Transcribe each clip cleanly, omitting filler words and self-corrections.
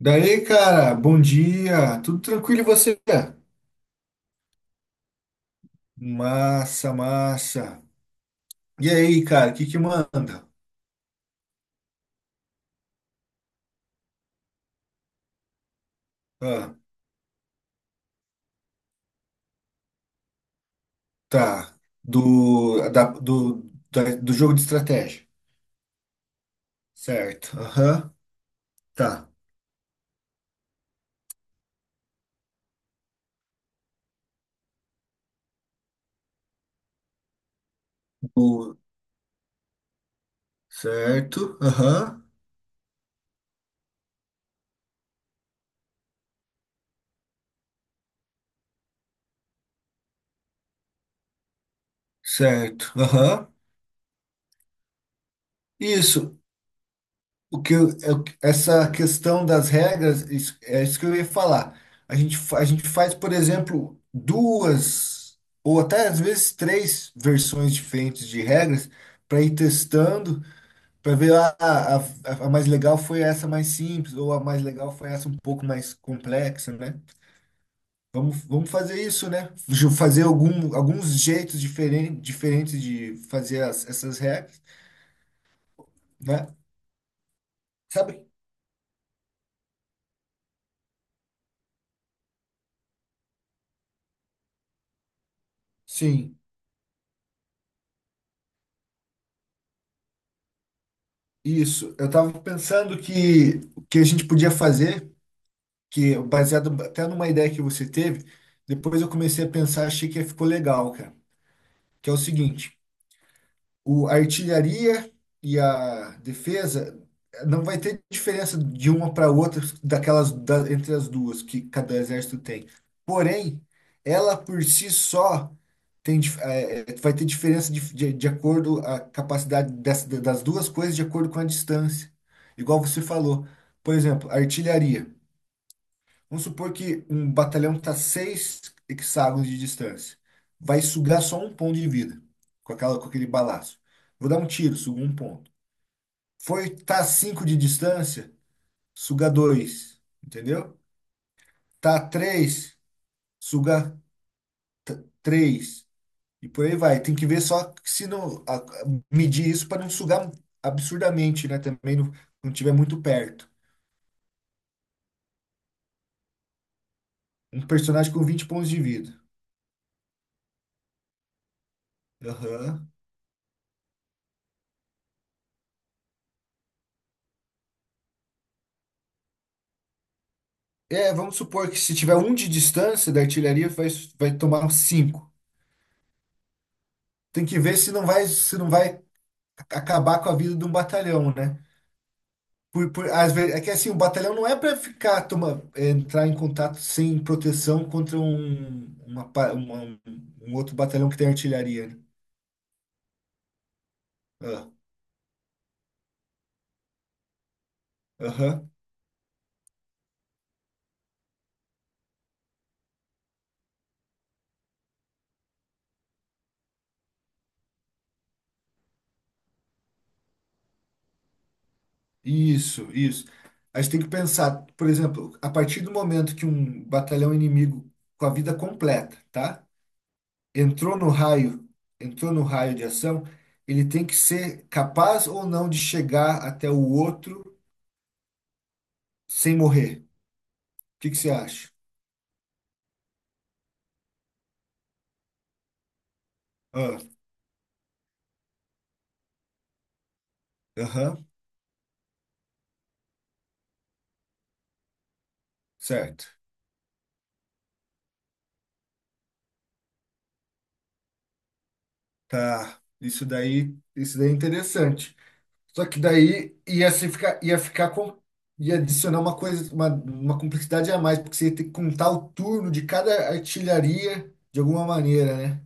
Daí, cara, bom dia. Tudo tranquilo e você? Massa, massa. E aí, cara, o que que manda? Ah, tá. Do, da- do, do jogo de estratégia. Certo. Aham. Tá. Do, certo. Aham. Certo. Aham. Isso. O que eu- essa questão das regras, é isso que eu ia falar. A gente faz, por exemplo, duas ou até às vezes três versões diferentes de regras para ir testando, para ver a mais legal foi essa mais simples, ou a mais legal foi essa um pouco mais complexa, né? Vamos fazer isso, né? Fazer alguns jeitos diferentes de fazer essas regras, né? Sabe? Sim. Isso, eu estava pensando que o que a gente podia fazer, que baseado até numa ideia que você teve, depois eu comecei a pensar, achei que ficou legal, cara. Que é o seguinte, a artilharia e a defesa não vai ter diferença de uma para outra daquelas entre as duas que cada exército tem. Porém, ela por si só tem, dif- é, é, vai ter diferença de acordo a capacidade dessa, das duas coisas de acordo com a distância. Igual você falou, por exemplo, a artilharia. Vamos supor que um batalhão está 6 hexágonos de distância. Vai sugar só um ponto de vida com aquele balaço. Vou dar um tiro, sugo um ponto. Tá a 5 de distância, suga dois. Entendeu? Tá a 3, suga 3. E por aí vai. Tem que ver só se não a- a- medir isso para não sugar absurdamente, né? Também não, não tiver muito perto. Um personagem com 20 pontos de vida. Aham. É, vamos supor que se tiver um de distância da artilharia, vai tomar 5. Tem que ver se não vai acabar com a vida de um batalhão, né? Às vezes, é que assim, o batalhão não é para ficar, entrar em contato sem proteção contra um, uma, pa- uma- um um outro batalhão que tem artilharia, né? Ah, aham. Isso, isso. A gente tem que pensar, por exemplo, a partir do momento que um batalhão inimigo com a vida completa, tá? entrou no raio, entrou no raio de ação, ele tem que ser capaz ou não de chegar até o outro sem morrer. O que que você acha? Ah, aham, certo. Tá. Isso daí é interessante. Só que daí ia se ficar, ia ficar com, ia adicionar uma coisa, uma complexidade a mais, porque você ia ter que contar o turno de cada artilharia de alguma maneira, né?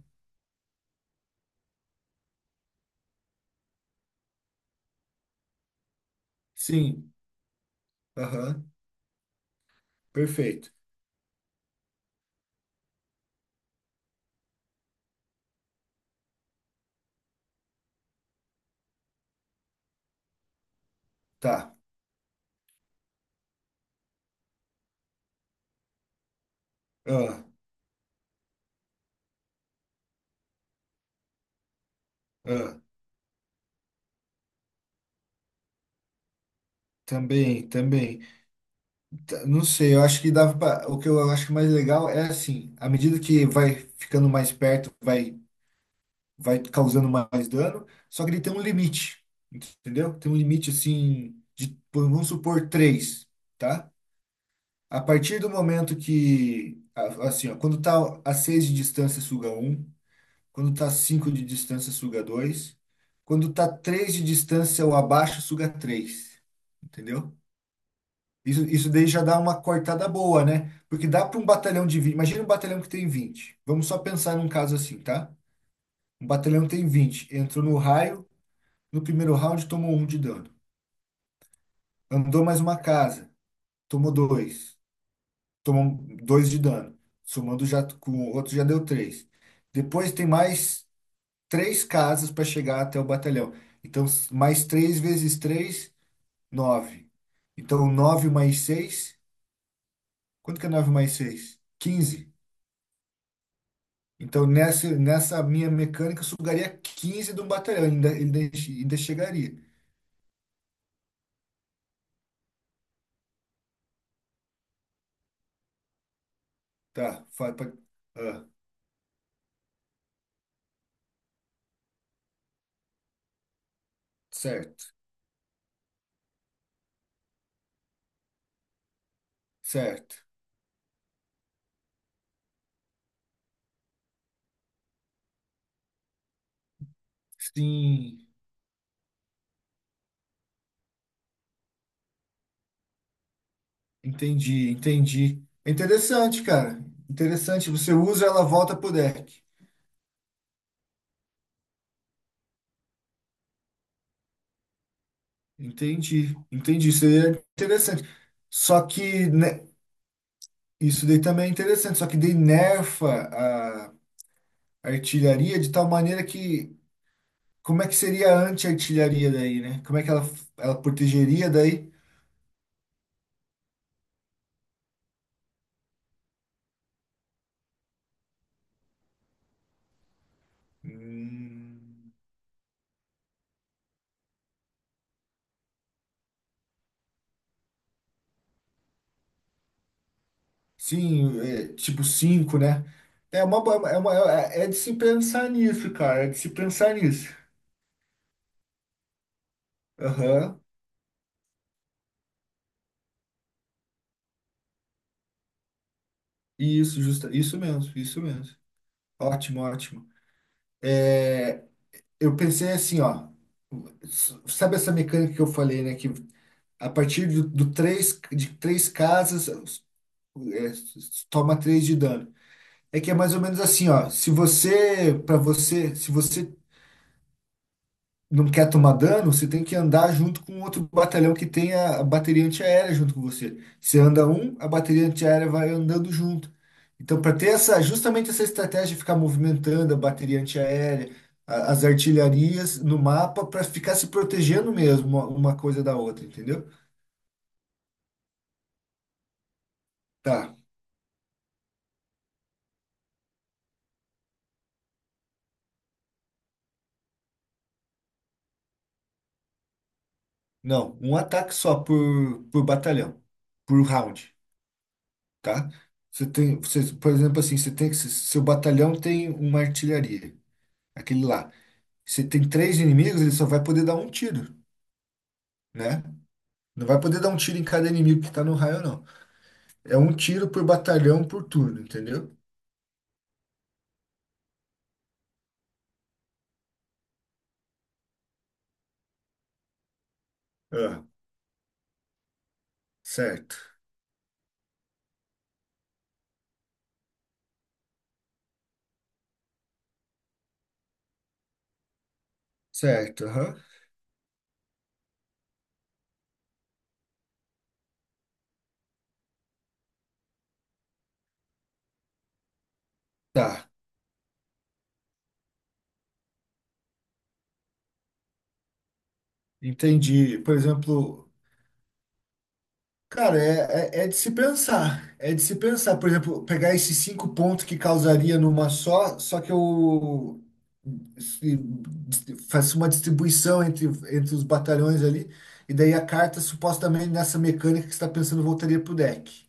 Sim. Aham, perfeito. Tá. Ah, ah, também, também. Tá, não sei, eu acho que dava pra, o que eu acho que mais legal é assim, à medida que vai ficando mais perto, vai causando mais dano, só que ele tem um limite, entendeu? Tem um limite assim de, pô, vamos supor, 3, tá? A partir do momento que assim, ó, quando tá a 6 de distância suga 1, quando tá a 5 de distância suga 2, quando tá 3 de distância ou abaixo suga 3, entendeu? Isso daí já dá uma cortada boa, né? Porque dá para um batalhão de 20. Imagina um batalhão que tem 20. Vamos só pensar num caso assim, tá? Um batalhão tem 20. Entrou no raio, no primeiro round tomou 1 de dano. Andou mais uma casa, tomou 2. Tomou 2 de dano. Somando já com o outro já deu 3. Depois tem mais 3 casas para chegar até o batalhão. Então, mais 3 vezes 3, 9. Então, 9 mais 6. Quanto que é 9 mais 6? 15. Então, nessa, nessa minha mecânica, eu sugaria 15 de um batalhão, ainda, ainda, ainda chegaria. Tá, fa- pa- ah, Certo, certo. Sim, entendi, entendi. É interessante, cara. Interessante. Você usa, ela volta pro deck. Entendi, entendi. Isso aí é interessante. Só que, né, isso daí também é interessante, só que daí nerfa a artilharia de tal maneira que. Como é que seria a anti-artilharia daí, né? Como é que ela, protegeria daí? Hum, sim, é, tipo 5, né? É uma, é de se pensar nisso, cara. É de se pensar nisso. Aham. Isso, isso mesmo, isso mesmo. Ótimo, ótimo. Eu pensei assim, ó. Sabe essa mecânica que eu falei, né? Que a partir do 3, de 3 casas, é, toma 3 de dano. É que é mais ou menos assim, ó. Se você, para você, se você não quer tomar dano, você tem que andar junto com outro batalhão que tem a bateria antiaérea junto com você. Você anda um, a bateria antiaérea vai andando junto. Então, para ter essa, justamente essa estratégia de ficar movimentando a bateria antiaérea, as artilharias no mapa, para ficar se protegendo mesmo uma coisa da outra, entendeu? Tá. Não, um ataque só por batalhão, por round, tá? Você tem, você, por exemplo, assim, você tem que, seu batalhão tem uma artilharia, aquele lá. Você tem três inimigos, ele só vai poder dar um tiro, né? Não vai poder dar um tiro em cada inimigo que tá no raio, não. É um tiro por batalhão por turno, entendeu? Ah, certo, certo, aham. Tá, entendi. Por exemplo. Cara, é, é, é de se pensar. É de se pensar. Por exemplo, pegar esses 5 pontos que causaria numa só, só que eu se- faço uma distribuição entre, entre os batalhões ali, e daí a carta supostamente nessa mecânica que você está pensando voltaria pro deck.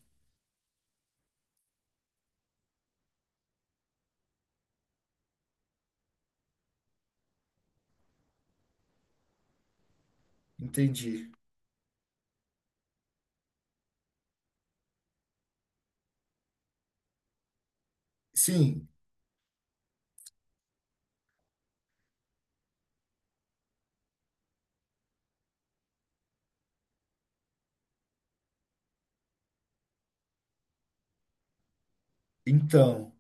Entendi. Sim, então,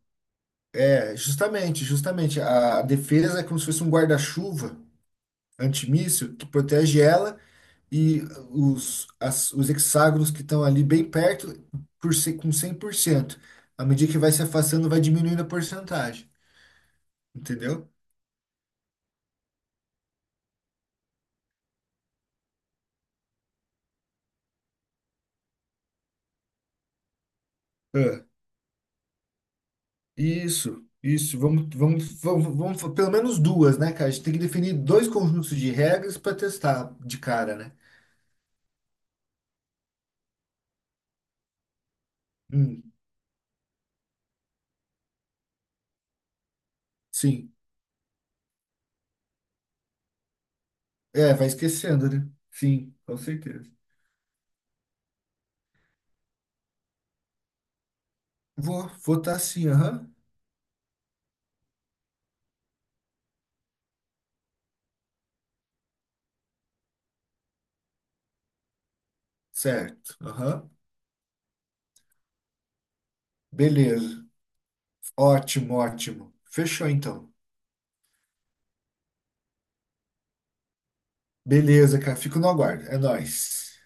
é, justamente, justamente, a, defesa é como se fosse um guarda-chuva antimíssil que protege ela e os hexágonos que estão ali bem perto por ser com 100%. À medida que vai se afastando, vai diminuindo a porcentagem, entendeu? Ah, isso, isso. Pelo menos duas, né, cara? A gente tem que definir dois conjuntos de regras para testar de cara, né? Hum, sim. É, vai esquecendo, né? Sim, com certeza. Vou votar sim, aham. Certo, aham. Beleza. Ótimo, ótimo. Fechou então. Beleza, cara. Fico no aguardo. É nóis.